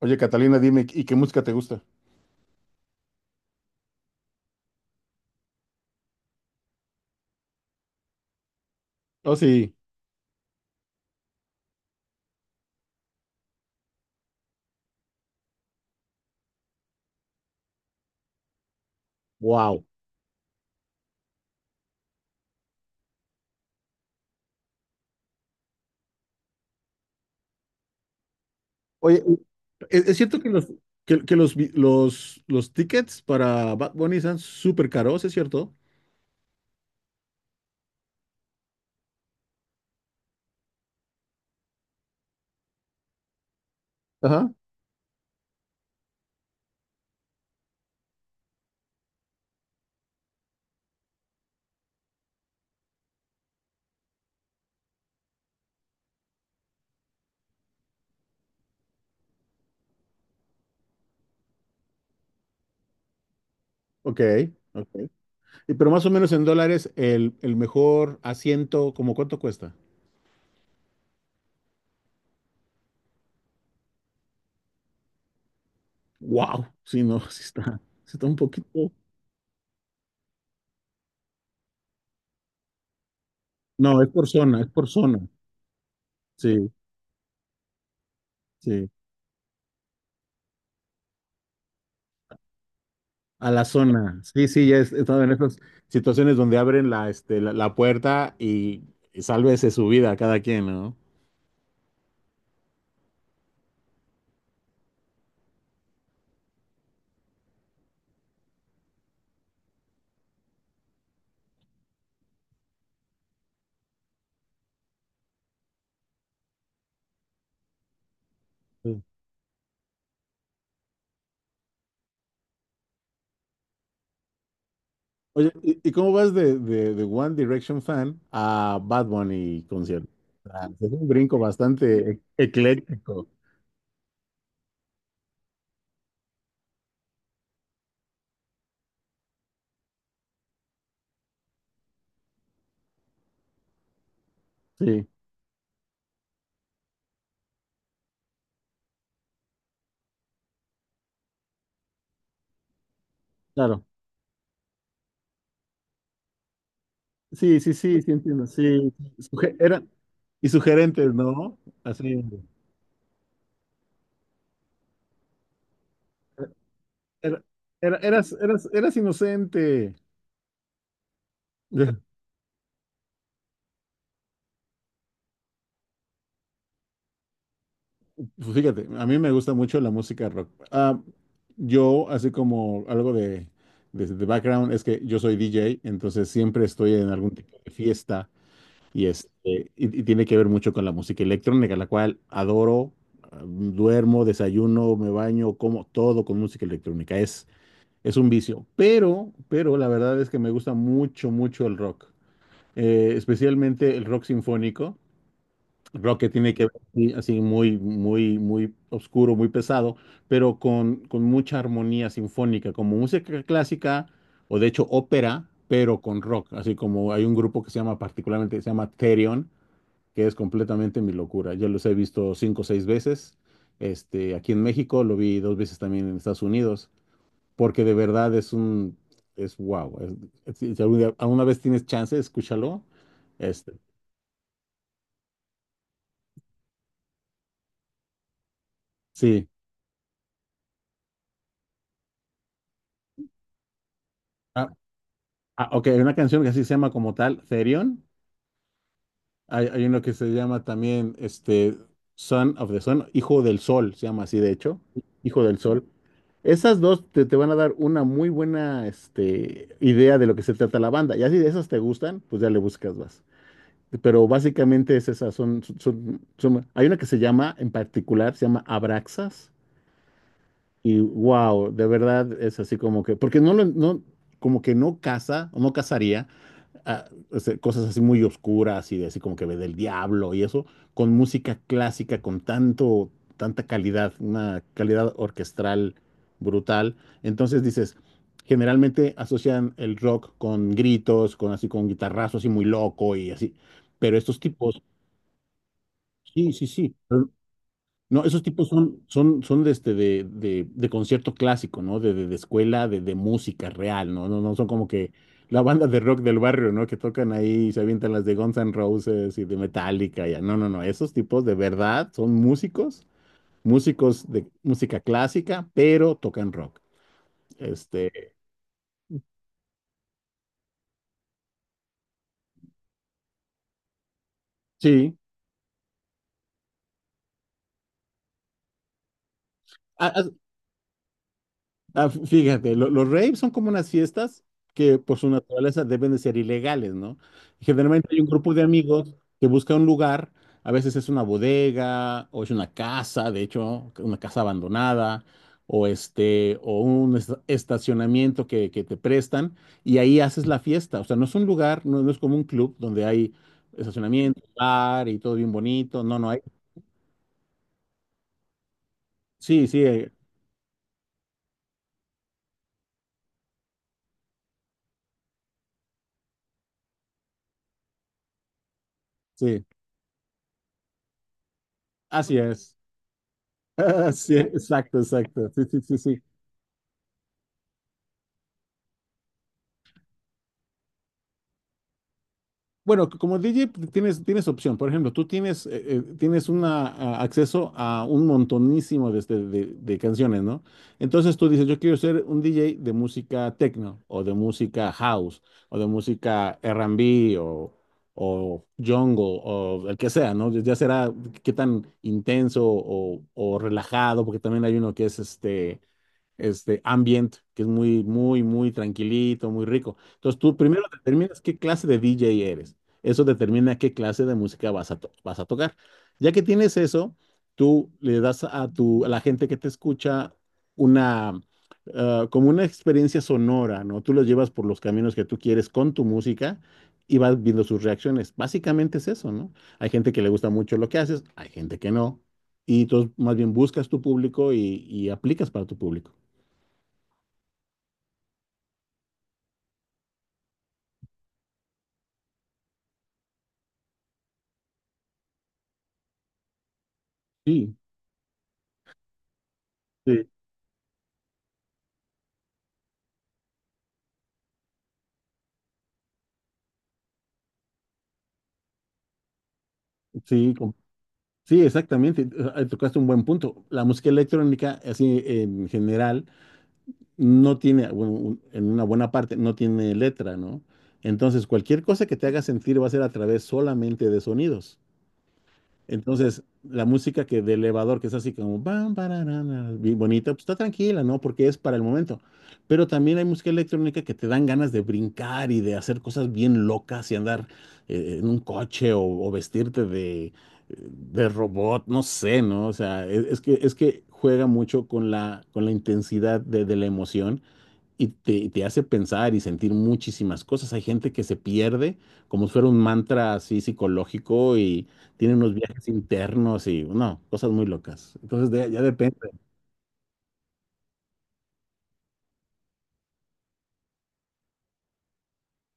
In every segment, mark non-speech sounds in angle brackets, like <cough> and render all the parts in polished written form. Oye, Catalina, dime, ¿y qué música te gusta? Oh, sí. Wow. Oye, ¿es cierto que los, vi- los tickets para Bad Bunny están súper caros, ¿es cierto? Ajá. Ok, ok. Y pero más o menos en dólares el mejor asiento, ¿cómo cuánto cuesta? Wow. Sí, no, <laughs> sí está. Sí está un poquito. No, es por zona, es por zona. Sí, sí. A la zona. Sí, sí, ya he estado en esas situaciones donde abren la puerta y sálvese su vida a cada quien, ¿no? Sí. Oye, y cómo vas de One Direction fan a Bad Bunny concierto? O es un brinco bastante ecléctico. Sí, claro. Sí, sí, sí, sí entiendo. Sí, eran y sugerentes, ¿no? Así. Era- eras inocente. <laughs> Fíjate, a mí me gusta mucho la música rock. Ah, yo, así como algo de background, es que yo soy DJ, entonces siempre estoy en algún tipo de fiesta y, este, y tiene que ver mucho con la música electrónica, la cual adoro, ah, duermo, desayuno, me baño, como todo con música electrónica. Es un vicio, pero la verdad es que me gusta mucho, mucho el rock. Especialmente el rock sinfónico. Rock que tiene que ver sí, así muy, muy, muy oscuro, muy pesado, pero con mucha armonía sinfónica, como música clásica o de hecho ópera, pero con rock. Así como hay un grupo que se llama particularmente, se llama Therion, que es completamente mi locura. Yo los he visto cinco o seis veces, este, aquí en México, lo vi dos veces también en Estados Unidos, porque de verdad es un, es wow. Si algún alguna vez tienes chance, escúchalo. Este, sí. Ah, ah, ok, hay una canción que así se llama como tal, Therion. Hay uno que se llama también este, Son of the Sun, Hijo del Sol, se llama así de hecho, Hijo del Sol. Esas dos te, te van a dar una muy buena este, idea de lo que se trata la banda. Y así de esas te gustan, pues ya le buscas más. Pero básicamente es esas, hay una que se llama, en particular, se llama Abraxas. Y wow, de verdad es así como que, porque no lo, no, como que no casa o no casaría ah, o cosas así muy oscuras y de así como que ve del diablo y eso, con música clásica, con tanto, tanta calidad, una calidad orquestral brutal. Entonces dices, generalmente asocian el rock con gritos, con así, con guitarrazos así muy loco y así. Pero estos tipos, sí, sí, sí. No, esos tipos son, son, son de este de concierto clásico, ¿no? De escuela, de música real, ¿no? No, no son como que la banda de rock del barrio, ¿no? Que tocan ahí y se avientan las de Guns N' Roses y de Metallica, ya. No, no, no. Esos tipos de verdad son músicos, músicos de música clásica, pero tocan rock. Este, sí. Ah, ah, ah, fíjate, los raves son como unas fiestas que por su naturaleza deben de ser ilegales, ¿no? Generalmente hay un grupo de amigos que busca un lugar, a veces es una bodega o es una casa, de hecho, una casa abandonada, o este, o un estacionamiento que te prestan y ahí haces la fiesta. O sea, no es un lugar, no, no es como un club donde hay estacionamiento, bar y todo bien bonito. No, no hay. Sí, sí, sí, así es. <laughs> Sí, exacto, exacto. Sí, sí, sí, sí. Bueno, como DJ pues, tienes, tienes opción. Por ejemplo, tú tienes, tienes una, acceso a un montonísimo de, de canciones, ¿no? Entonces tú dices, yo quiero ser un DJ de música techno o de música house o de música R&B o jungle o el que sea, ¿no? Ya ya será qué tan intenso o relajado, porque también hay uno que es este este ambient, que es muy, muy, muy tranquilito, muy rico. Entonces tú primero determinas qué clase de DJ eres. Eso determina qué clase de música vas a, vas a tocar. Ya que tienes eso, tú le das a, tu, a la gente que te escucha una, ah, como una experiencia sonora, ¿no? Tú los llevas por los caminos que tú quieres con tu música y vas viendo sus reacciones. Básicamente es eso, ¿no? Hay gente que le gusta mucho lo que haces, hay gente que no. Y entonces más bien buscas tu público y aplicas para tu público. Sí, sí, sí, com- sí, exactamente. Eh, tocaste un buen punto. La música electrónica, así en general, no tiene, bueno, en una buena parte, no tiene letra, ¿no? Entonces, cualquier cosa que te haga sentir va a ser a través solamente de sonidos. Entonces, la música que de elevador, que es así como bam, bararana, bien bonita, pues está tranquila, ¿no? Porque es para el momento. Pero también hay música electrónica que te dan ganas de brincar y de hacer cosas bien locas y andar en un coche o vestirte de robot, no sé, ¿no? O sea, es que juega mucho con la intensidad de la emoción y te hace pensar y sentir muchísimas cosas. Hay gente que se pierde como si fuera un mantra así psicológico y tiene unos viajes internos y, no, cosas muy locas. Entonces, ya depende,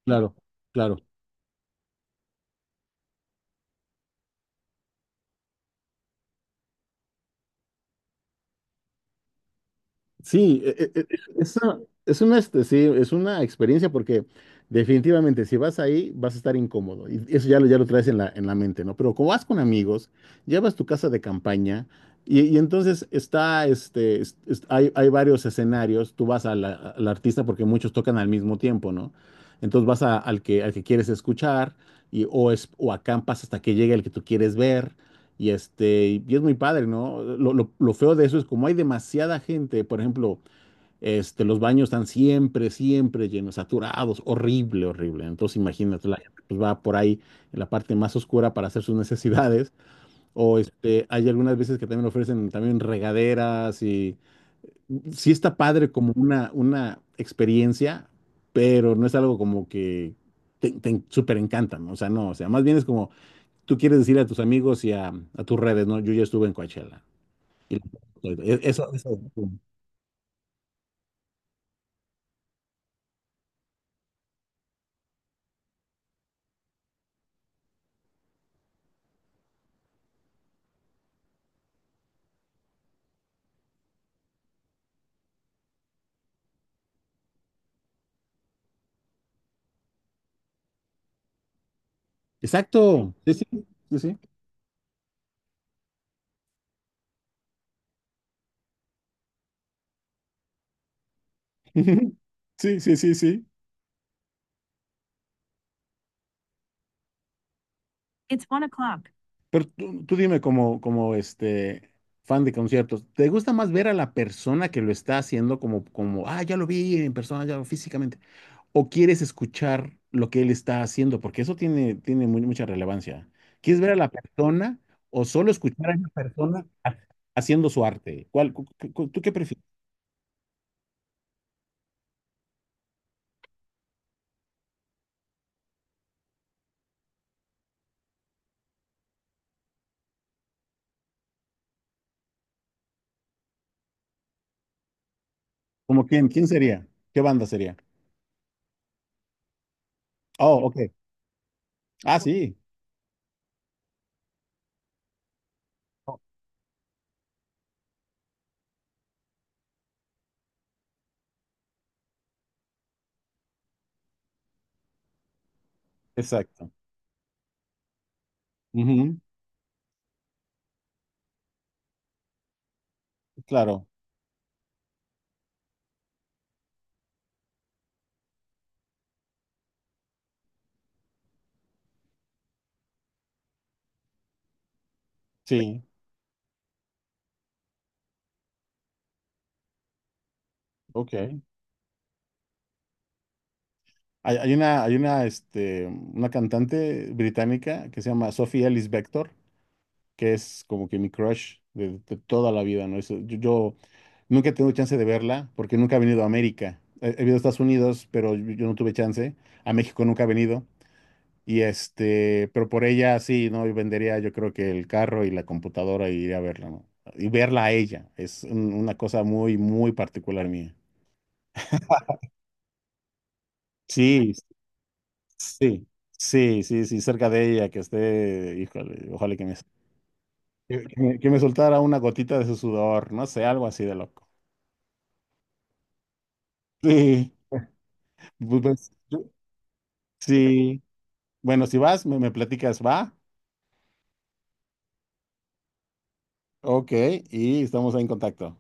claro, claro. Sí, eso es una, este, sí, es una experiencia porque definitivamente si vas ahí vas a estar incómodo y eso ya lo traes en la mente, ¿no? Pero como vas con amigos, llevas tu casa de campaña y entonces está, este, hay, hay varios escenarios, tú vas a al artista porque muchos tocan al mismo tiempo, ¿no? Entonces vas al que quieres escuchar y, o, es, o acampas hasta que llegue el que tú quieres ver. Y este, y es muy padre, ¿no? Lo, lo feo de eso es como hay demasiada gente, por ejemplo, este, los baños están siempre, siempre llenos, saturados, horrible, horrible. Entonces, imagínate, la gente pues, va por ahí en la parte más oscura para hacer sus necesidades. O este, hay algunas veces que también ofrecen también regaderas y sí está padre como una experiencia, pero no es algo como que te súper encanta, ¿no? O sea, no, o sea, más bien es como tú quieres decir a tus amigos y a tus redes, ¿no? Yo ya estuve en Coachella. Y- <laughs> eso, eso. Exacto. Sí, sí, sí, sí. <laughs> Sí, sí, sí, sí. Pero tú dime como, como este fan de conciertos, ¿te gusta más ver a la persona que lo está haciendo como, como, ah, ya lo vi en persona, ya lo- físicamente? ¿O quieres escuchar lo que él está haciendo? Porque eso tiene, tiene mucha relevancia. ¿Quieres ver a la persona o solo escuchar a esa persona haciendo su arte? ¿Cuál, cu- cu- cu- ¿tú qué prefieres? ¿Como quién? ¿Quién sería? ¿Qué banda sería? Oh, ok. Ah, sí, exacto. Ujú, claro, sí, ok. Hay, hay una, este, una cantante británica que se llama Sophie Ellis Bextor, que es como que mi crush de toda la vida, ¿no? Yo, yo nunca he tenido chance de verla porque nunca ha venido a América. He, he venido a Estados Unidos, pero yo no tuve chance. A México nunca ha venido. Y este, pero por ella sí, ¿no? Yo vendería yo creo que el carro y la computadora y iría a verla, ¿no? Y verla a ella. Es una cosa muy, muy particular mía. Sí, sí, sí, sí, sí, cerca de ella, que esté, híjole, ojalá que me soltara una gotita de su sudor, no sé, algo así de loco. Sí, <laughs> pues, pues, yo- sí. Bueno, si vas, me platicas, va. Ok, y estamos ahí en contacto.